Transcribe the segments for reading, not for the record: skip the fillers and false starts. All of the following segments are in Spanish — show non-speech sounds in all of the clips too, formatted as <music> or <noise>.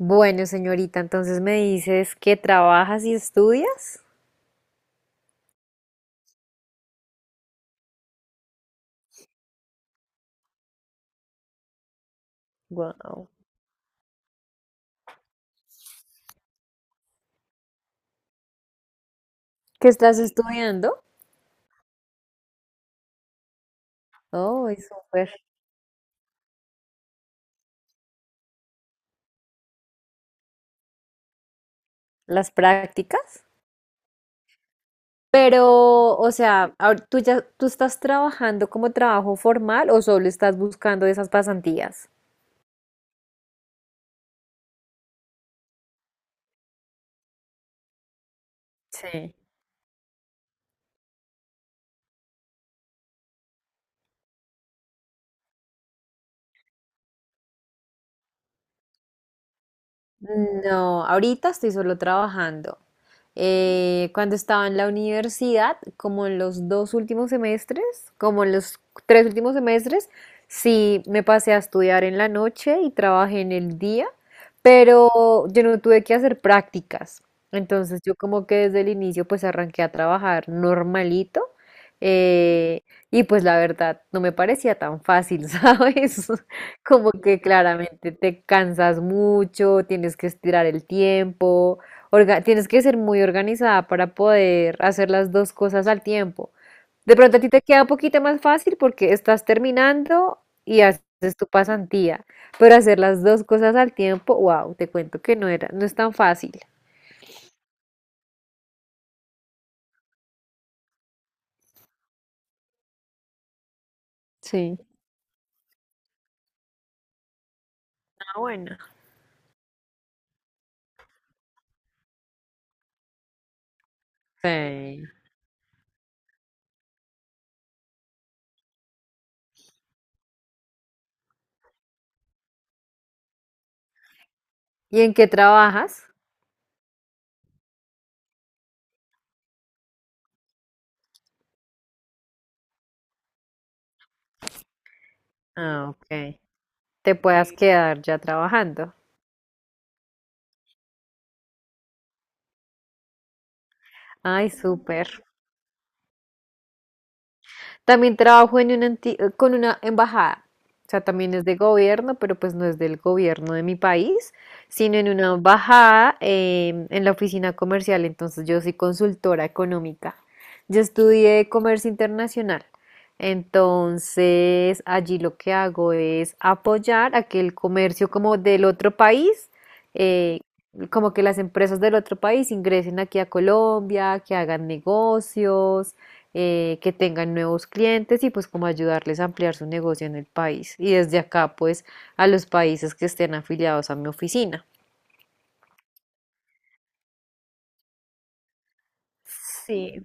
Bueno, señorita, entonces me dices que trabajas y estudias. Wow. ¿Qué estás estudiando? Oh, es súper. Las prácticas. Pero, o sea, ¿tú ya tú estás trabajando como trabajo formal o solo estás buscando esas pasantías? Sí. No, ahorita estoy solo trabajando. Cuando estaba en la universidad, como en los dos últimos semestres, como en los tres últimos semestres, sí me pasé a estudiar en la noche y trabajé en el día, pero yo no tuve que hacer prácticas. Entonces yo como que desde el inicio pues arranqué a trabajar normalito eh, y pues la verdad no me parecía tan fácil, <laughs> ¿sabes? Como que claramente te cansas mucho, tienes que estirar el tiempo, tienes que ser muy organizada para poder hacer las dos cosas al tiempo. De pronto a ti te queda un poquito más fácil porque estás terminando y haces tu pasantía, pero hacer las dos cosas al tiempo, wow, te cuento que no era, no es tan fácil. Sí. Ah, bueno. Sí. ¿Y en qué trabajas? Ah, ok. Te puedas quedar ya trabajando. Ay, súper. También trabajo en una con una embajada. O sea, también es de gobierno, pero pues no es del gobierno de mi país, sino en una embajada, en la oficina comercial. Entonces yo soy consultora económica. Yo estudié comercio internacional. Entonces, allí lo que hago es apoyar a que el comercio como del otro país, eh, como que las empresas del otro país ingresen aquí a Colombia, que hagan negocios, que tengan nuevos clientes y pues como ayudarles a ampliar su negocio en el país y desde acá pues a los países que estén afiliados a mi oficina. Sí,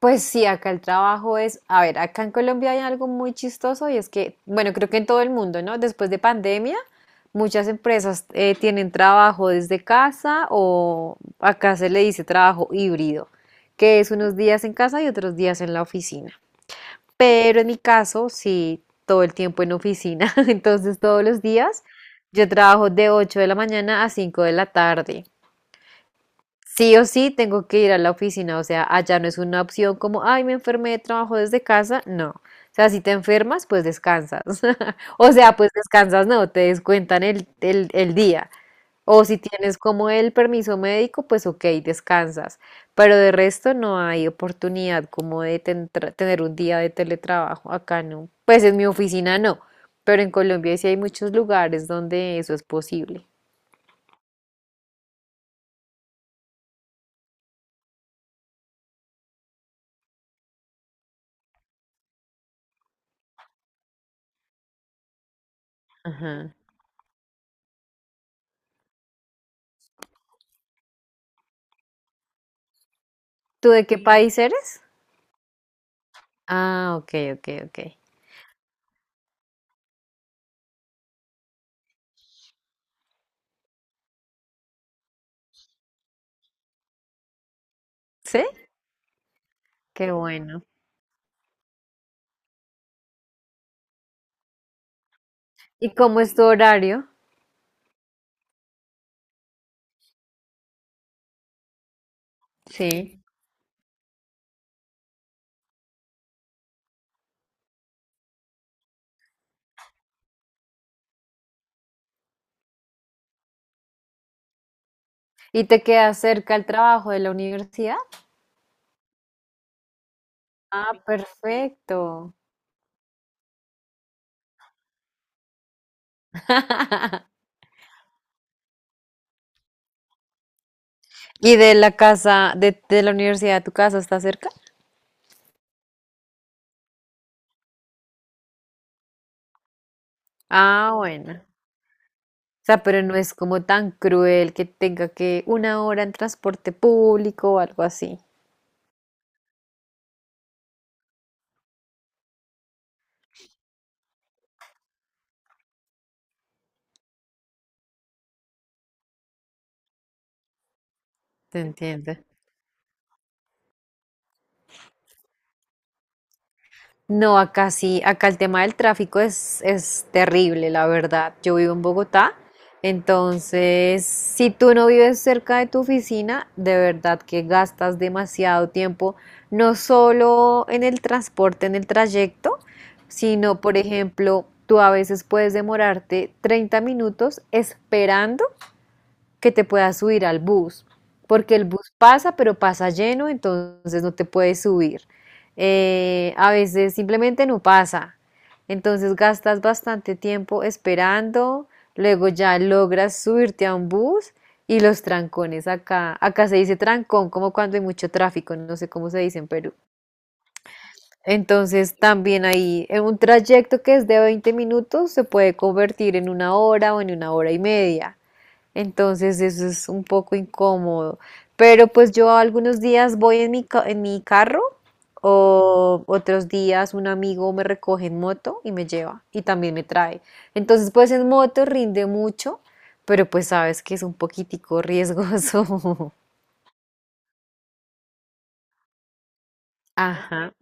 pues sí, acá el trabajo es, a ver, acá en Colombia hay algo muy chistoso y es que, bueno, creo que en todo el mundo, ¿no? Después de pandemia, muchas empresas tienen trabajo desde casa o acá se le dice trabajo híbrido, que es unos días en casa y otros días en la oficina. Pero en mi caso, sí, todo el tiempo en oficina, <laughs> entonces todos los días yo trabajo de 8 de la mañana a 5 de la tarde. Sí o sí tengo que ir a la oficina, o sea, allá no es una opción como, ay, me enfermé, trabajo desde casa, no. O sea, si te enfermas, pues descansas. <laughs> O sea, pues descansas, no, te descuentan el día. O si tienes como el permiso médico, pues ok, descansas. Pero de resto no hay oportunidad como de tener un día de teletrabajo. Acá no. Pues en mi oficina no. Pero en Colombia sí hay muchos lugares donde eso es posible. Ajá. ¿Tú de qué Sí. país eres? Ah, ok, ok, ok. ¿Sí? Qué bueno. ¿Y cómo es tu horario? Sí. ¿Y te queda cerca el trabajo de la universidad? Ah, perfecto. <laughs> ¿Y de la casa, de la universidad a tu casa está cerca? Ah, bueno. O sea, pero no es como tan cruel que tenga que una hora en transporte público o algo así. Te entiendo. No, acá sí, acá el tema del tráfico es terrible, la verdad. Yo vivo en Bogotá, entonces si tú no vives cerca de tu oficina, de verdad que gastas demasiado tiempo, no solo en el transporte, en el trayecto, sino, por ejemplo, tú a veces puedes demorarte 30 minutos esperando que te puedas subir al bus, porque el bus pasa, pero pasa lleno, entonces no te puedes subir. A veces simplemente no pasa, entonces gastas bastante tiempo esperando, luego ya logras subirte a un bus y los trancones acá, acá se dice trancón, como cuando hay mucho tráfico, no sé cómo se dice en Perú. Entonces también ahí en un trayecto que es de 20 minutos se puede convertir en una hora o en una hora y media. Entonces eso es un poco incómodo. Pero pues yo algunos días voy en en mi carro o otros días un amigo me recoge en moto y me lleva y también me trae. Entonces pues en moto rinde mucho, pero pues sabes que es un poquitico riesgoso. <laughs> Ajá.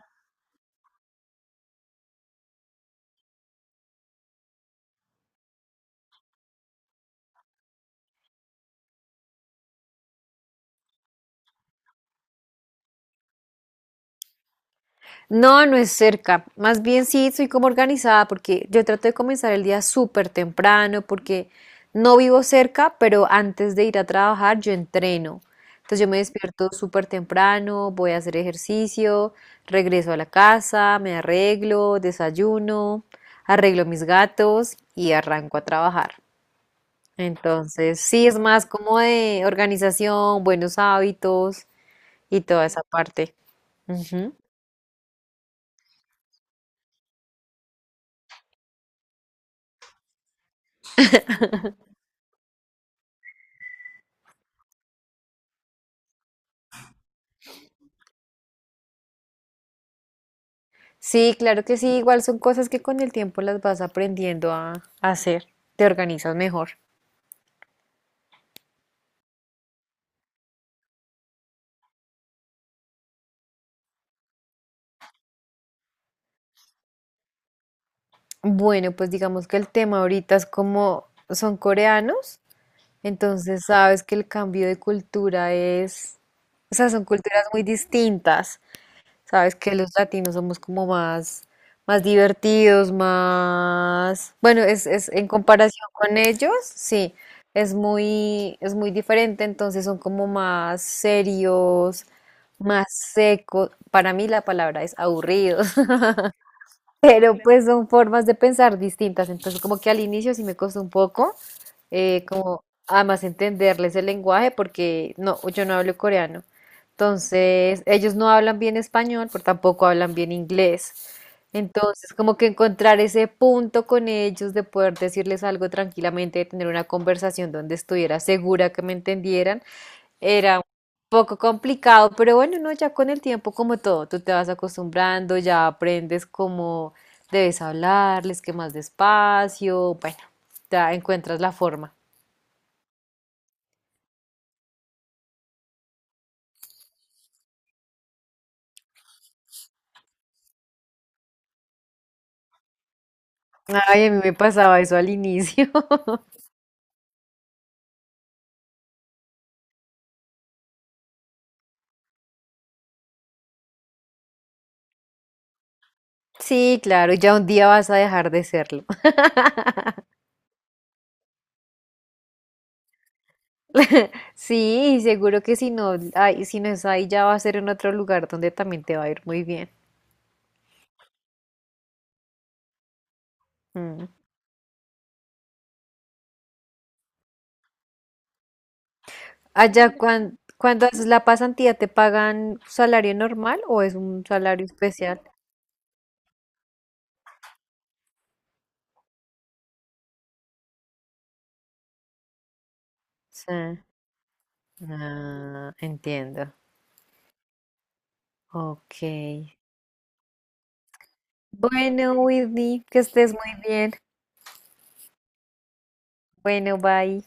No, no es cerca. Más bien sí, soy como organizada porque yo trato de comenzar el día súper temprano porque no vivo cerca, pero antes de ir a trabajar yo entreno. Entonces yo me despierto súper temprano, voy a hacer ejercicio, regreso a la casa, me arreglo, desayuno, arreglo mis gatos y arranco a trabajar. Entonces sí, es más como de organización, buenos hábitos y toda esa parte. Ujú. Sí, claro que sí, igual son cosas que con el tiempo las vas aprendiendo a hacer, te organizas mejor. Bueno, pues digamos que el tema ahorita es como son coreanos, entonces sabes que el cambio de cultura es, o sea, son culturas muy distintas. Sabes que los latinos somos como más, más divertidos, más... Bueno, es en comparación con ellos, sí, es muy diferente, entonces son como más serios, más secos. Para mí la palabra es aburridos. <laughs> Pero pues son formas de pensar distintas, entonces como que al inicio sí me costó un poco, como además entenderles el lenguaje porque no, yo no hablo coreano, entonces ellos no hablan bien español, pero tampoco hablan bien inglés, entonces como que encontrar ese punto con ellos de poder decirles algo tranquilamente, de tener una conversación donde estuviera segura que me entendieran era un poco complicado, pero bueno, no, ya con el tiempo, como todo, tú te vas acostumbrando, ya aprendes cómo debes hablarles, que más despacio, bueno, ya encuentras la forma. Ay, a mí me pasaba eso al inicio. <laughs> Sí, claro, ya un día vas a dejar de serlo. <laughs> Sí, y seguro que si no, ay, si no es ahí, ya va a ser en otro lugar donde también te va a ir muy bien. Mm. Allá, cuando haces la pasantía, ¿te pagan salario normal o es un salario especial? Sí. Ah, entiendo. Ok. Bueno, Whitney, que estés muy bien. Bueno, bye.